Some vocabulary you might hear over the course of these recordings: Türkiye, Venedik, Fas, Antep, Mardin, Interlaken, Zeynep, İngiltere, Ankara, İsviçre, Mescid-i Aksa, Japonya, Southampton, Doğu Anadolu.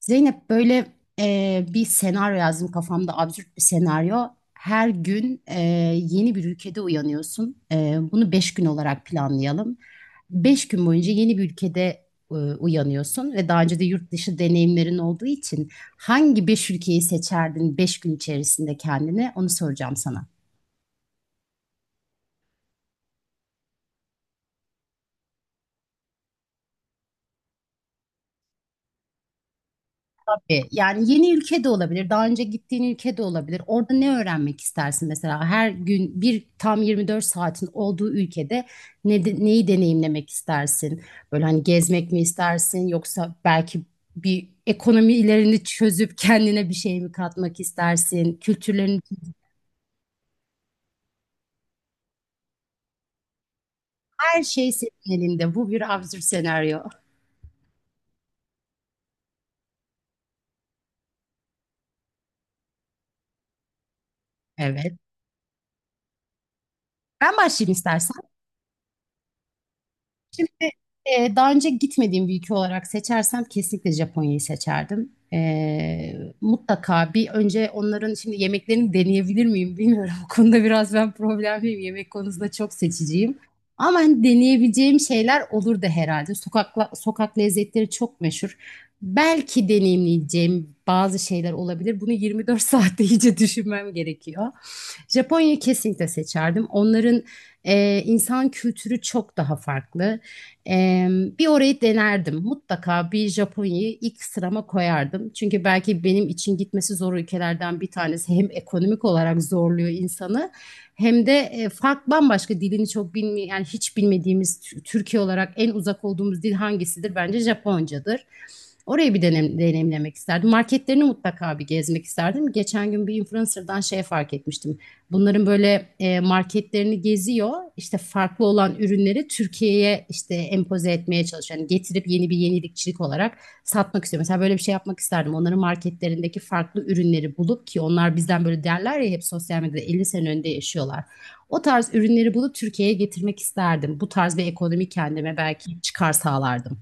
Zeynep böyle bir senaryo yazdım kafamda absürt bir senaryo. Her gün yeni bir ülkede uyanıyorsun. Bunu beş gün olarak planlayalım. Beş gün boyunca yeni bir ülkede uyanıyorsun ve daha önce de yurt dışı deneyimlerin olduğu için hangi beş ülkeyi seçerdin beş gün içerisinde kendine onu soracağım sana. Yani yeni ülke de olabilir, daha önce gittiğin ülke de olabilir. Orada ne öğrenmek istersin mesela? Her gün bir tam 24 saatin olduğu ülkede neyi deneyimlemek istersin? Böyle hani gezmek mi istersin yoksa belki bir ekonomi ilerini çözüp kendine bir şey mi katmak istersin? Kültürlerin her şey senin elinde. Bu bir absürt senaryo. Evet. Ben başlayayım istersen. Şimdi daha önce gitmediğim bir ülke olarak seçersem kesinlikle Japonya'yı seçerdim. Mutlaka bir önce onların şimdi yemeklerini deneyebilir miyim bilmiyorum. Bu konuda biraz ben problemliyim. Yemek konusunda çok seçiciyim. Ama hani deneyebileceğim şeyler olur da herhalde. Sokakla, sokak lezzetleri çok meşhur. Belki deneyimleyeceğim bazı şeyler olabilir. Bunu 24 saatte iyice düşünmem gerekiyor. Japonya'yı kesinlikle seçerdim. Onların insan kültürü çok daha farklı. E, Bir orayı denerdim. Mutlaka bir Japonya'yı ilk sırama koyardım. Çünkü belki benim için gitmesi zor ülkelerden bir tanesi. Hem ekonomik olarak zorluyor insanı hem de fark bambaşka dilini çok bilmiyor. Yani hiç bilmediğimiz Türkiye olarak en uzak olduğumuz dil hangisidir? Bence Japoncadır. Orayı bir deneyimlemek isterdim. Marketlerini mutlaka bir gezmek isterdim. Geçen gün bir influencer'dan şey fark etmiştim. Bunların böyle marketlerini geziyor. İşte farklı olan ürünleri Türkiye'ye işte empoze etmeye çalışıyor. Yani getirip yeni bir yenilikçilik olarak satmak istiyor. Mesela böyle bir şey yapmak isterdim. Onların marketlerindeki farklı ürünleri bulup ki onlar bizden böyle derler ya hep sosyal medyada 50 sene önde yaşıyorlar. O tarz ürünleri bulup Türkiye'ye getirmek isterdim. Bu tarz bir ekonomi kendime belki çıkar sağlardım.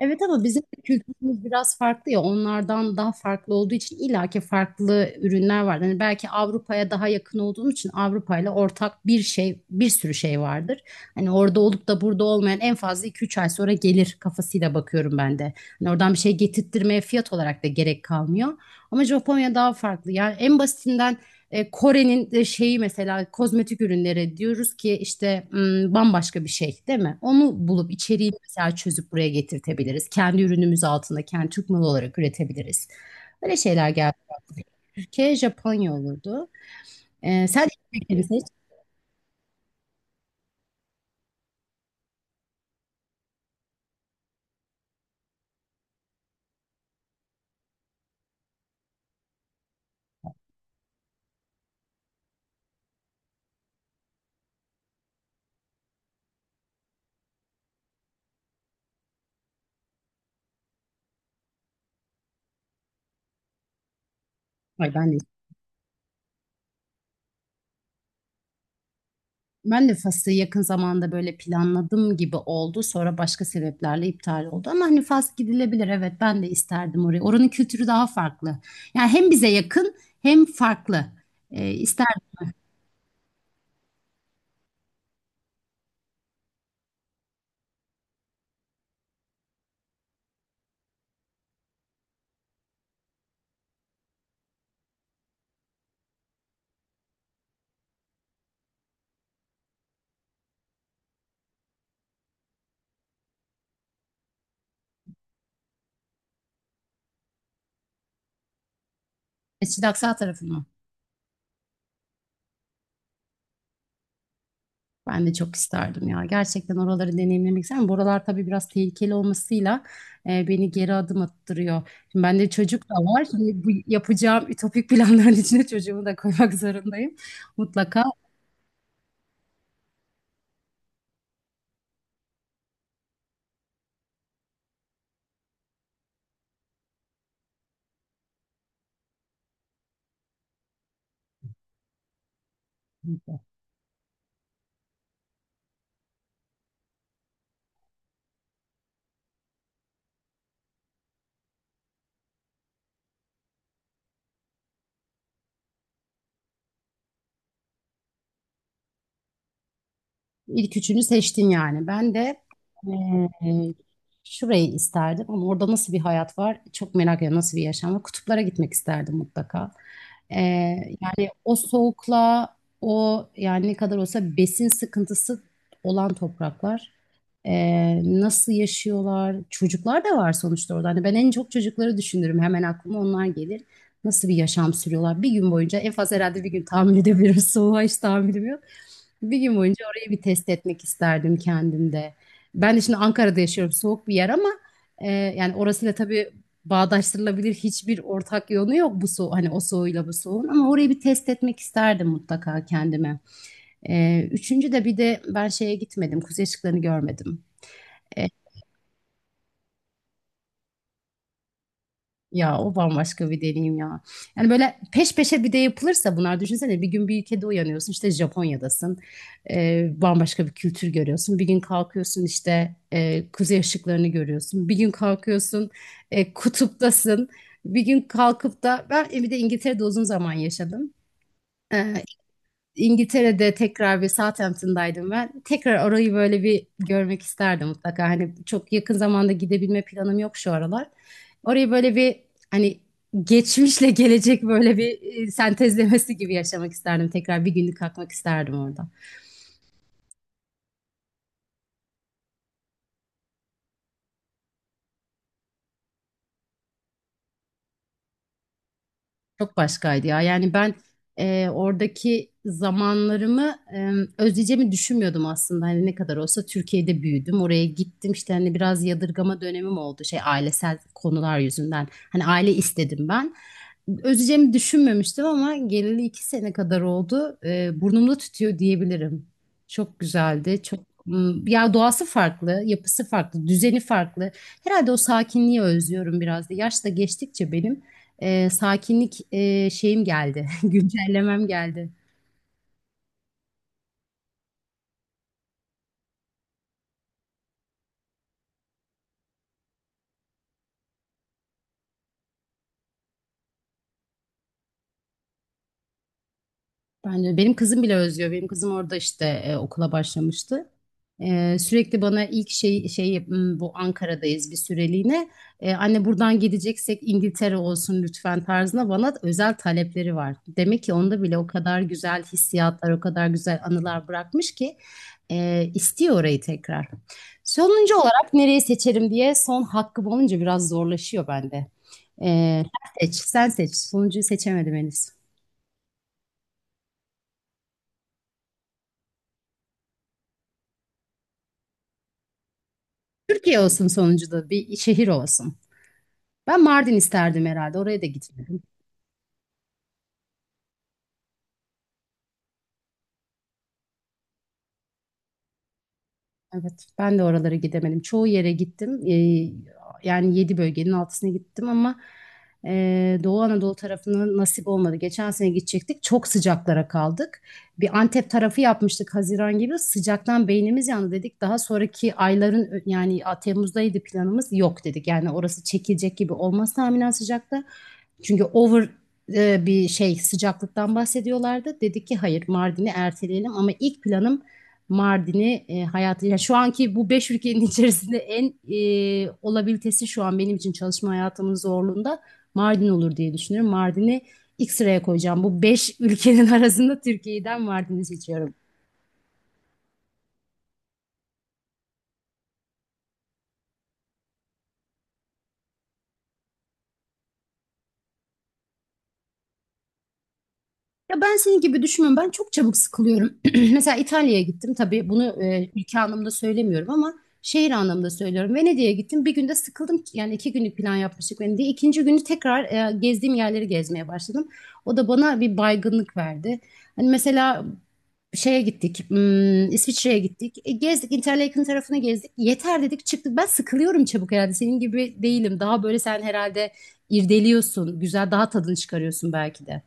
Evet ama bizim de kültürümüz biraz farklı ya onlardan daha farklı olduğu için illaki farklı ürünler var. Hani belki Avrupa'ya daha yakın olduğum için Avrupa ile ortak bir şey bir sürü şey vardır. Hani orada olup da burada olmayan en fazla iki üç ay sonra gelir kafasıyla bakıyorum ben de. Hani oradan bir şey getirttirmeye fiyat olarak da gerek kalmıyor. Ama Japonya daha farklı. Yani en basitinden Kore'nin de şeyi mesela kozmetik ürünleri diyoruz ki işte bambaşka bir şey değil mi? Onu bulup içeriği mesela çözüp buraya getirtebiliriz. Kendi ürünümüz altında kendi Türk malı olarak üretebiliriz. Böyle şeyler geldi. Türkiye, Japonya olurdu. Sen ilk seç. Ay, ben de Fas'ı yakın zamanda böyle planladım gibi oldu. Sonra başka sebeplerle iptal oldu. Ama hani Fas gidilebilir. Evet ben de isterdim orayı. Oranın kültürü daha farklı. Yani hem bize yakın hem farklı. E, Mescid-i Aksa tarafını. Ben de çok isterdim ya. Gerçekten oraları deneyimlemek isterim. Buralar tabii biraz tehlikeli olmasıyla beni geri adım attırıyor. Şimdi bende çocuk da var. Şimdi bu yapacağım ütopik planların içine çocuğumu da koymak zorundayım. Mutlaka İlk üçünü seçtin yani. Ben de eee, şurayı isterdim ama orada nasıl bir hayat var çok merak ediyorum. Nasıl bir yaşam var? Kutuplara gitmek isterdim mutlaka. Eee, Yani o soğukla o yani ne kadar olsa besin sıkıntısı olan topraklar. Nasıl yaşıyorlar? Çocuklar da var sonuçta orada. Hani ben en çok çocukları düşünürüm. Hemen aklıma onlar gelir. Nasıl bir yaşam sürüyorlar? Bir gün boyunca en fazla herhalde bir gün tahammül edebilirim. Soğuğa hiç tahammülüm yok. Bir gün boyunca orayı bir test etmek isterdim kendimde. Ben de şimdi Ankara'da yaşıyorum, soğuk bir yer ama yani orasıyla tabii bağdaştırılabilir hiçbir ortak yönü yok bu soğuk hani o soğuyla bu soğuğun ama orayı bir test etmek isterdim mutlaka kendime. Üçüncü de bir de ben şeye gitmedim, kuzey ışıklarını görmedim. E, Ya o bambaşka bir deneyim ya. Yani böyle peş peşe bir de yapılırsa bunlar düşünsene bir gün bir ülkede uyanıyorsun işte Japonya'dasın. Bambaşka bir kültür görüyorsun. Bir gün kalkıyorsun işte kuzey ışıklarını görüyorsun. Bir gün kalkıyorsun kutuptasın. Bir gün kalkıp da ben bir de İngiltere'de uzun zaman yaşadım. İngiltere'de tekrar bir Southampton'daydım ben. Tekrar orayı böyle bir görmek isterdim mutlaka. Hani çok yakın zamanda gidebilme planım yok şu aralar. Orayı böyle bir hani geçmişle gelecek böyle bir sentezlemesi gibi yaşamak isterdim. Tekrar bir günlük kalkmak isterdim orada. Çok başkaydı ya. Yani ben oradaki zamanlarımı özleyeceğimi düşünmüyordum aslında. Hani ne kadar olsa Türkiye'de büyüdüm. Oraya gittim işte hani biraz yadırgama dönemim oldu. Şey ailesel konular yüzünden. Hani aile istedim ben. Özleyeceğimi düşünmemiştim ama geleli iki sene kadar oldu. Burnumda tütüyor diyebilirim. Çok güzeldi. Çok. Hmm, ya doğası farklı, yapısı farklı, düzeni farklı. Herhalde o sakinliği özlüyorum biraz da. Yaş da geçtikçe benim sakinlik şeyim geldi, güncellemem geldi. Bence benim kızım bile özlüyor. Benim kızım orada işte okula başlamıştı. Sürekli bana ilk şey "Hmm, bu Ankara'dayız bir süreliğine. Anne buradan gideceksek İngiltere olsun lütfen" tarzında bana özel talepleri var. Demek ki onda bile o kadar güzel hissiyatlar, o kadar güzel anılar bırakmış ki istiyor orayı tekrar. Sonuncu olarak nereyi seçerim diye son hakkım olunca biraz zorlaşıyor bende. Sen seç, sen seç. Sonuncuyu seçemedim henüz. Türkiye olsun sonucu da bir şehir olsun. Ben Mardin isterdim herhalde. Oraya da gitmedim. Evet, ben de oralara gidemedim. Çoğu yere gittim. Yani yedi bölgenin altısına gittim ama Doğu Anadolu tarafına nasip olmadı. Geçen sene gidecektik. Çok sıcaklara kaldık. Bir Antep tarafı yapmıştık Haziran gibi. Sıcaktan beynimiz yandı dedik. Daha sonraki ayların yani Temmuz'daydı planımız. Yok dedik. Yani orası çekilecek gibi olmaz tahminen sıcakta. Çünkü bir şey sıcaklıktan bahsediyorlardı. Dedik ki hayır Mardin'i erteleyelim ama ilk planım Mardin'i hayatı yani şu anki bu beş ülkenin içerisinde en olabilitesi şu an benim için çalışma hayatımın zorluğunda Mardin olur diye düşünüyorum. Mardin'i ilk sıraya koyacağım. Bu beş ülkenin arasında Türkiye'den Mardin'i seçiyorum. Ya ben senin gibi düşünmüyorum. Ben çok çabuk sıkılıyorum. Mesela İtalya'ya gittim. Tabii bunu ülke anlamında söylemiyorum ama şehir anlamında söylüyorum. Venedik'e gittim. Bir günde sıkıldım. Yani iki günlük plan yapmıştık Venedik'e. İkinci günü tekrar gezdiğim yerleri gezmeye başladım. O da bana bir baygınlık verdi. Hani mesela şeye gittik. Hmm, İsviçre'ye gittik. E, gezdik. Interlaken tarafını gezdik. Yeter dedik çıktık. Ben sıkılıyorum çabuk herhalde. Senin gibi değilim. Daha böyle sen herhalde irdeliyorsun. Güzel daha tadını çıkarıyorsun belki de.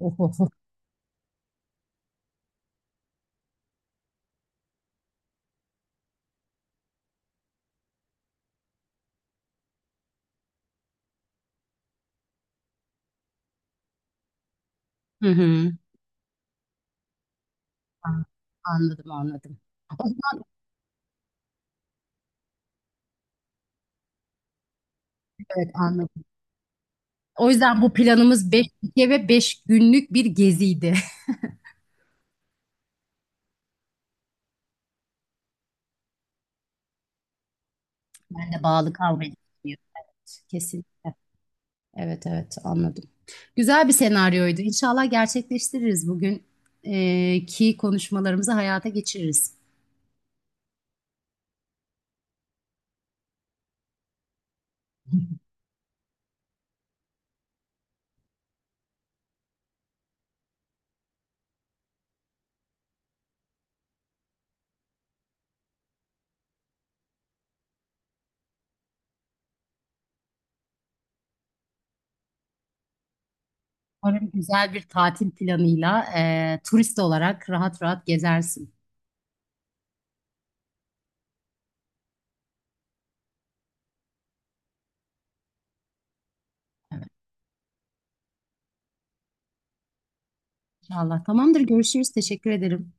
Hı hı. An- Anladım, anladım. O zaman evet anladım. O yüzden bu planımız 5 gece ve 5 günlük bir geziydi. Ben de bağlı kalmayı düşünüyorum. Evet, kesinlikle. Evet, evet anladım. Güzel bir senaryoydu. İnşallah gerçekleştiririz bugün ki konuşmalarımızı hayata geçiririz. Umarım güzel bir tatil planıyla turist olarak rahat rahat gezersin. Evet, inşallah. Tamamdır, görüşürüz. Teşekkür ederim.